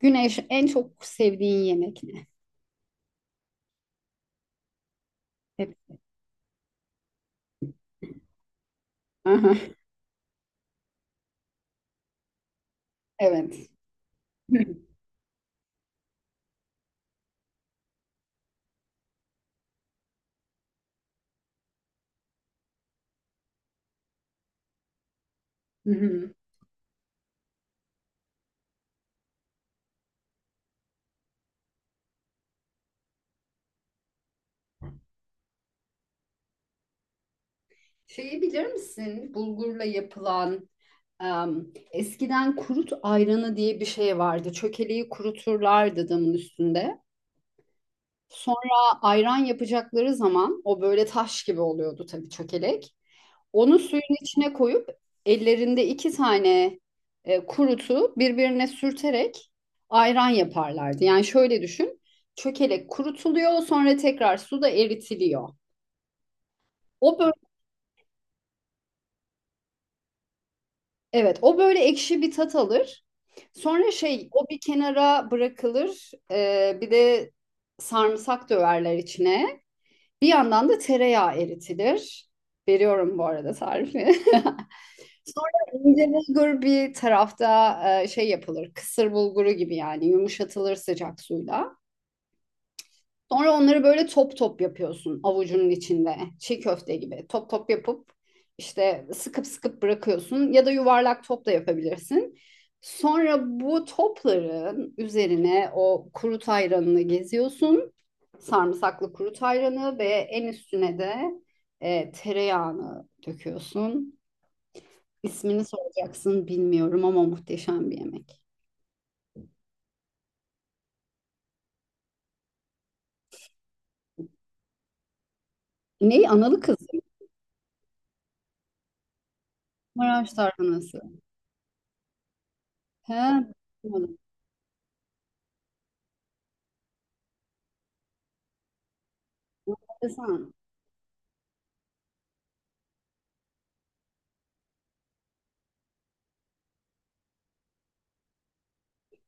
Güneş, en çok sevdiğin yemek ne? Hep. Aha, evet. Hı hı. Şeyi bilir misin? Bulgurla yapılan eskiden kurut ayranı diye bir şey vardı. Çökeleği kuruturlardı damın üstünde. Sonra ayran yapacakları zaman o böyle taş gibi oluyordu tabii çökelek. Onu suyun içine koyup ellerinde iki tane kurutu birbirine sürterek ayran yaparlardı. Yani şöyle düşün. Çökelek kurutuluyor, sonra tekrar suda eritiliyor. O böyle, evet, o böyle ekşi bir tat alır. Sonra şey, o bir kenara bırakılır. E, bir de sarımsak döverler içine. Bir yandan da tereyağı eritilir. Veriyorum bu arada tarifi. Sonra ince bulgur bir tarafta şey yapılır. Kısır bulguru gibi yani yumuşatılır sıcak suyla. Sonra onları böyle top top yapıyorsun avucunun içinde. Çiğ köfte gibi top top yapıp işte sıkıp sıkıp bırakıyorsun ya da yuvarlak top da yapabilirsin. Sonra bu topların üzerine o kuru ayranını geziyorsun. Sarımsaklı kuru ayranı ve en üstüne de tereyağını döküyorsun. İsmini soracaksın bilmiyorum ama muhteşem bir yemek. Neyi? Analı kızım. Maraş tarhanası. He, bilmiyorum. Enteresan.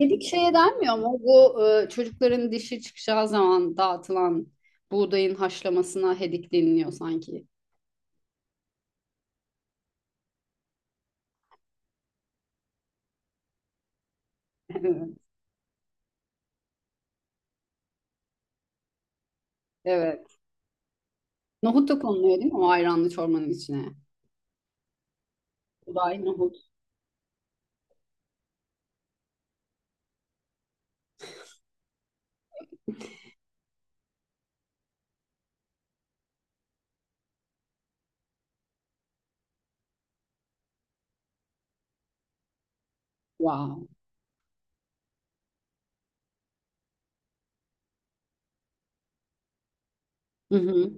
Dedik şeye denmiyor mu? Bu çocukların dişi çıkacağı zaman dağıtılan buğdayın haşlamasına hedik deniliyor sanki. Evet. Nohut da konuluyor değil mi? O ayranlı çorbanın içine. Buğday, nohut. Wow. Hı hı.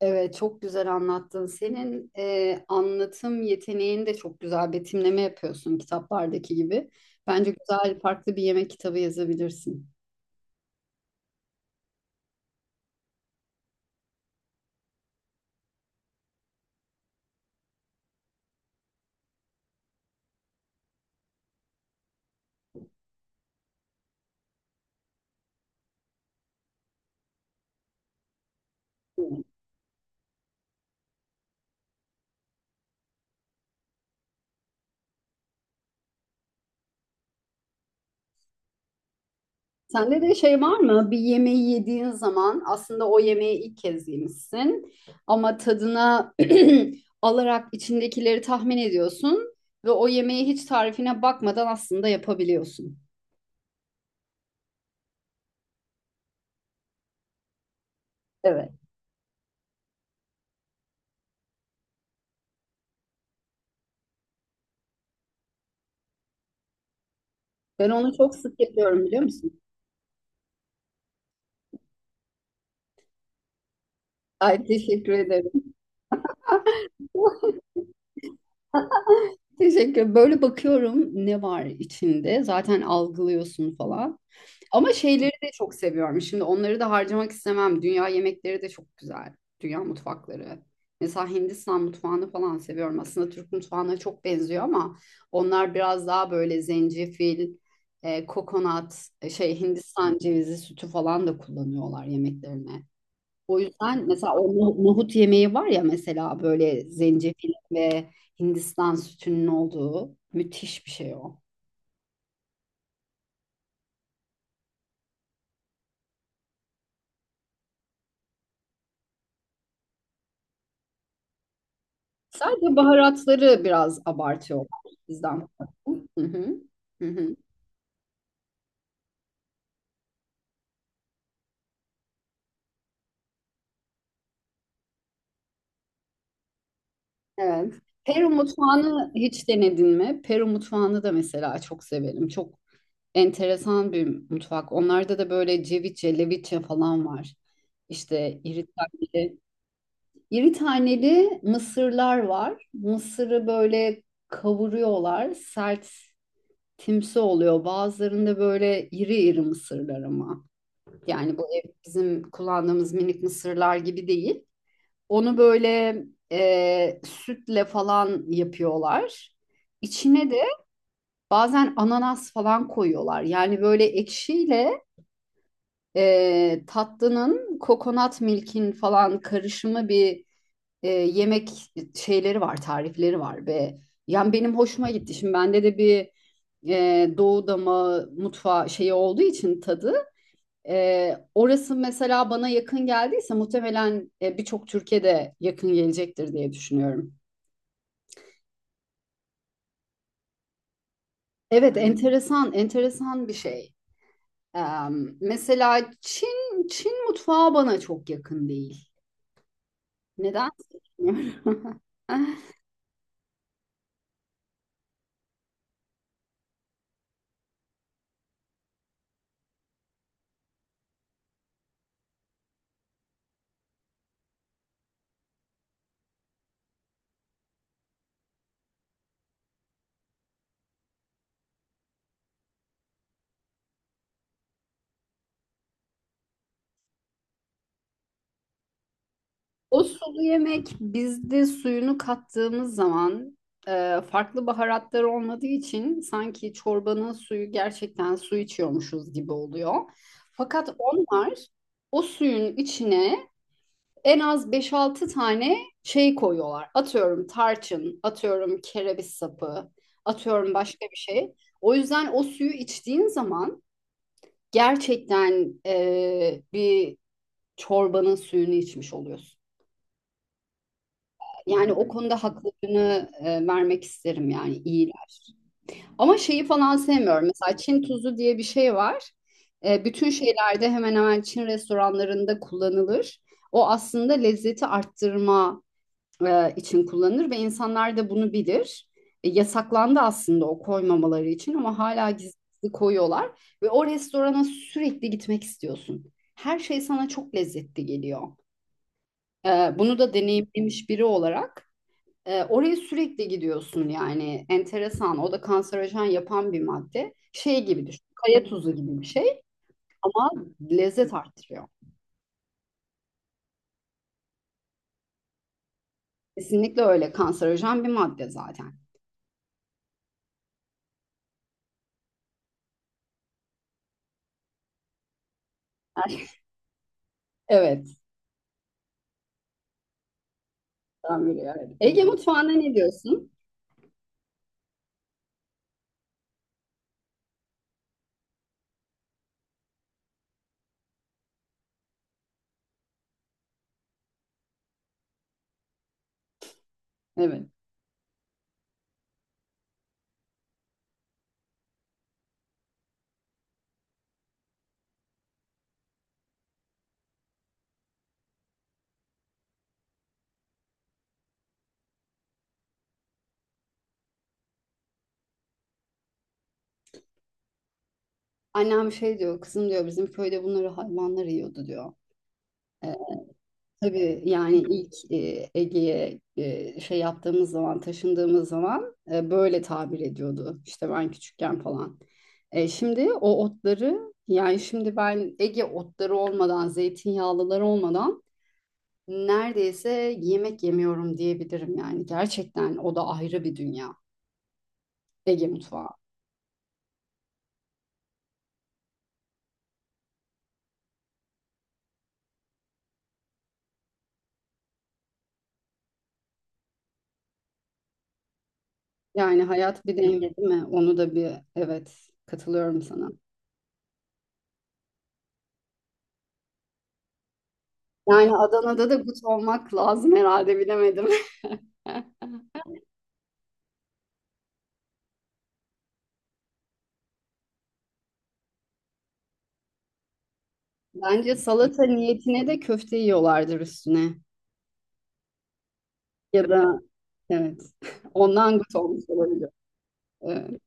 Evet, çok güzel anlattın. Senin anlatım yeteneğin de çok güzel. Betimleme yapıyorsun kitaplardaki gibi. Bence güzel, farklı bir yemek kitabı yazabilirsin. Sende de şey var mı? Bir yemeği yediğin zaman aslında o yemeği ilk kez yemişsin ama tadına alarak içindekileri tahmin ediyorsun ve o yemeği hiç tarifine bakmadan aslında yapabiliyorsun. Evet. Ben onu çok sık yapıyorum biliyor musun? Ay, teşekkür ederim. Teşekkür. Böyle bakıyorum ne var içinde. Zaten algılıyorsun falan. Ama şeyleri de çok seviyorum. Şimdi onları da harcamak istemem. Dünya yemekleri de çok güzel. Dünya mutfakları. Mesela Hindistan mutfağını falan seviyorum. Aslında Türk mutfağına çok benziyor ama onlar biraz daha böyle zencefil, kokonat, şey Hindistan cevizi sütü falan da kullanıyorlar yemeklerine. O yüzden mesela o nohut yemeği var ya mesela böyle zencefil ve Hindistan sütünün olduğu müthiş bir şey o. Sadece baharatları biraz abartıyorlar bizden. Farklı. Hı hı. Hı hı. Evet. Peru mutfağını hiç denedin mi? Peru mutfağını da mesela çok severim. Çok enteresan bir mutfak. Onlarda da böyle ceviche, leviche falan var. İşte iritaki. İri taneli mısırlar var. Mısırı böyle kavuruyorlar. Sert timsi oluyor. Bazılarında böyle iri iri mısırlar ama. Yani bu bizim kullandığımız minik mısırlar gibi değil. Onu böyle sütle falan yapıyorlar. İçine de bazen ananas falan koyuyorlar. Yani böyle ekşiyle tatlının kokonat milkin falan karışımı bir yemek şeyleri var, tarifleri var ve yani benim hoşuma gitti. Şimdi bende de bir Doğu dama mutfağı şeyi olduğu için tadı orası mesela bana yakın geldiyse muhtemelen birçok Türkiye'de yakın gelecektir diye düşünüyorum. Evet, enteresan, enteresan bir şey. E, Mesela Çin mutfağı bana çok yakın değil. Neden? O sulu yemek bizde suyunu kattığımız zaman farklı baharatlar olmadığı için sanki çorbanın suyu gerçekten su içiyormuşuz gibi oluyor. Fakat onlar o suyun içine en az beş-altı tane şey koyuyorlar. Atıyorum tarçın, atıyorum kereviz sapı, atıyorum başka bir şey. O yüzden o suyu içtiğin zaman gerçekten bir çorbanın suyunu içmiş oluyorsun. Yani o konuda haklarını vermek isterim yani iyiler. Ama şeyi falan sevmiyorum. Mesela Çin tuzu diye bir şey var. Bütün şeylerde hemen hemen Çin restoranlarında kullanılır. O aslında lezzeti arttırma için kullanılır ve insanlar da bunu bilir. Yasaklandı aslında o koymamaları için ama hala gizli gizli koyuyorlar. Ve o restorana sürekli gitmek istiyorsun. Her şey sana çok lezzetli geliyor. E, Bunu da deneyimlemiş biri olarak. Oraya sürekli gidiyorsun yani enteresan. O da kanserojen yapan bir madde. Şey gibi düşün. Kaya tuzu gibi bir şey ama lezzet arttırıyor. Kesinlikle öyle kanserojen bir madde zaten. Evet. Ben biliyorum. Evet. Ege mutfağında ne diyorsun? Evet. Annem şey diyor, kızım diyor bizim köyde bunları hayvanlar yiyordu diyor. Tabii yani ilk Ege'ye şey yaptığımız zaman, taşındığımız zaman böyle tabir ediyordu. İşte ben küçükken falan. Şimdi o otları yani şimdi ben Ege otları olmadan, zeytinyağlıları olmadan neredeyse yemek yemiyorum diyebilirim yani. Gerçekten o da ayrı bir dünya Ege mutfağı. Yani hayat bir denge değil mi? Onu da bir evet, katılıyorum sana. Yani Adana'da da gut olmak lazım herhalde, bilemedim. Bence salata niyetine de köfte yiyorlardır üstüne. Ya da evet. Ondan gut olmuş olabilir. Evet.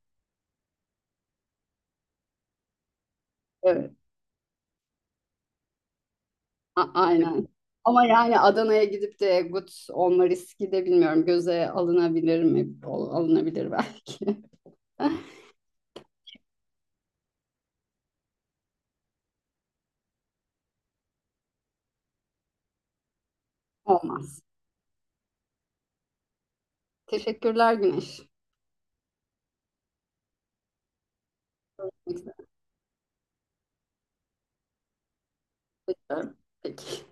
Evet. Aynen. Ama yani Adana'ya gidip de gut olma riski de bilmiyorum. Göze alınabilir mi? Alınabilir belki. Olmaz. Teşekkürler Güneş. Peki.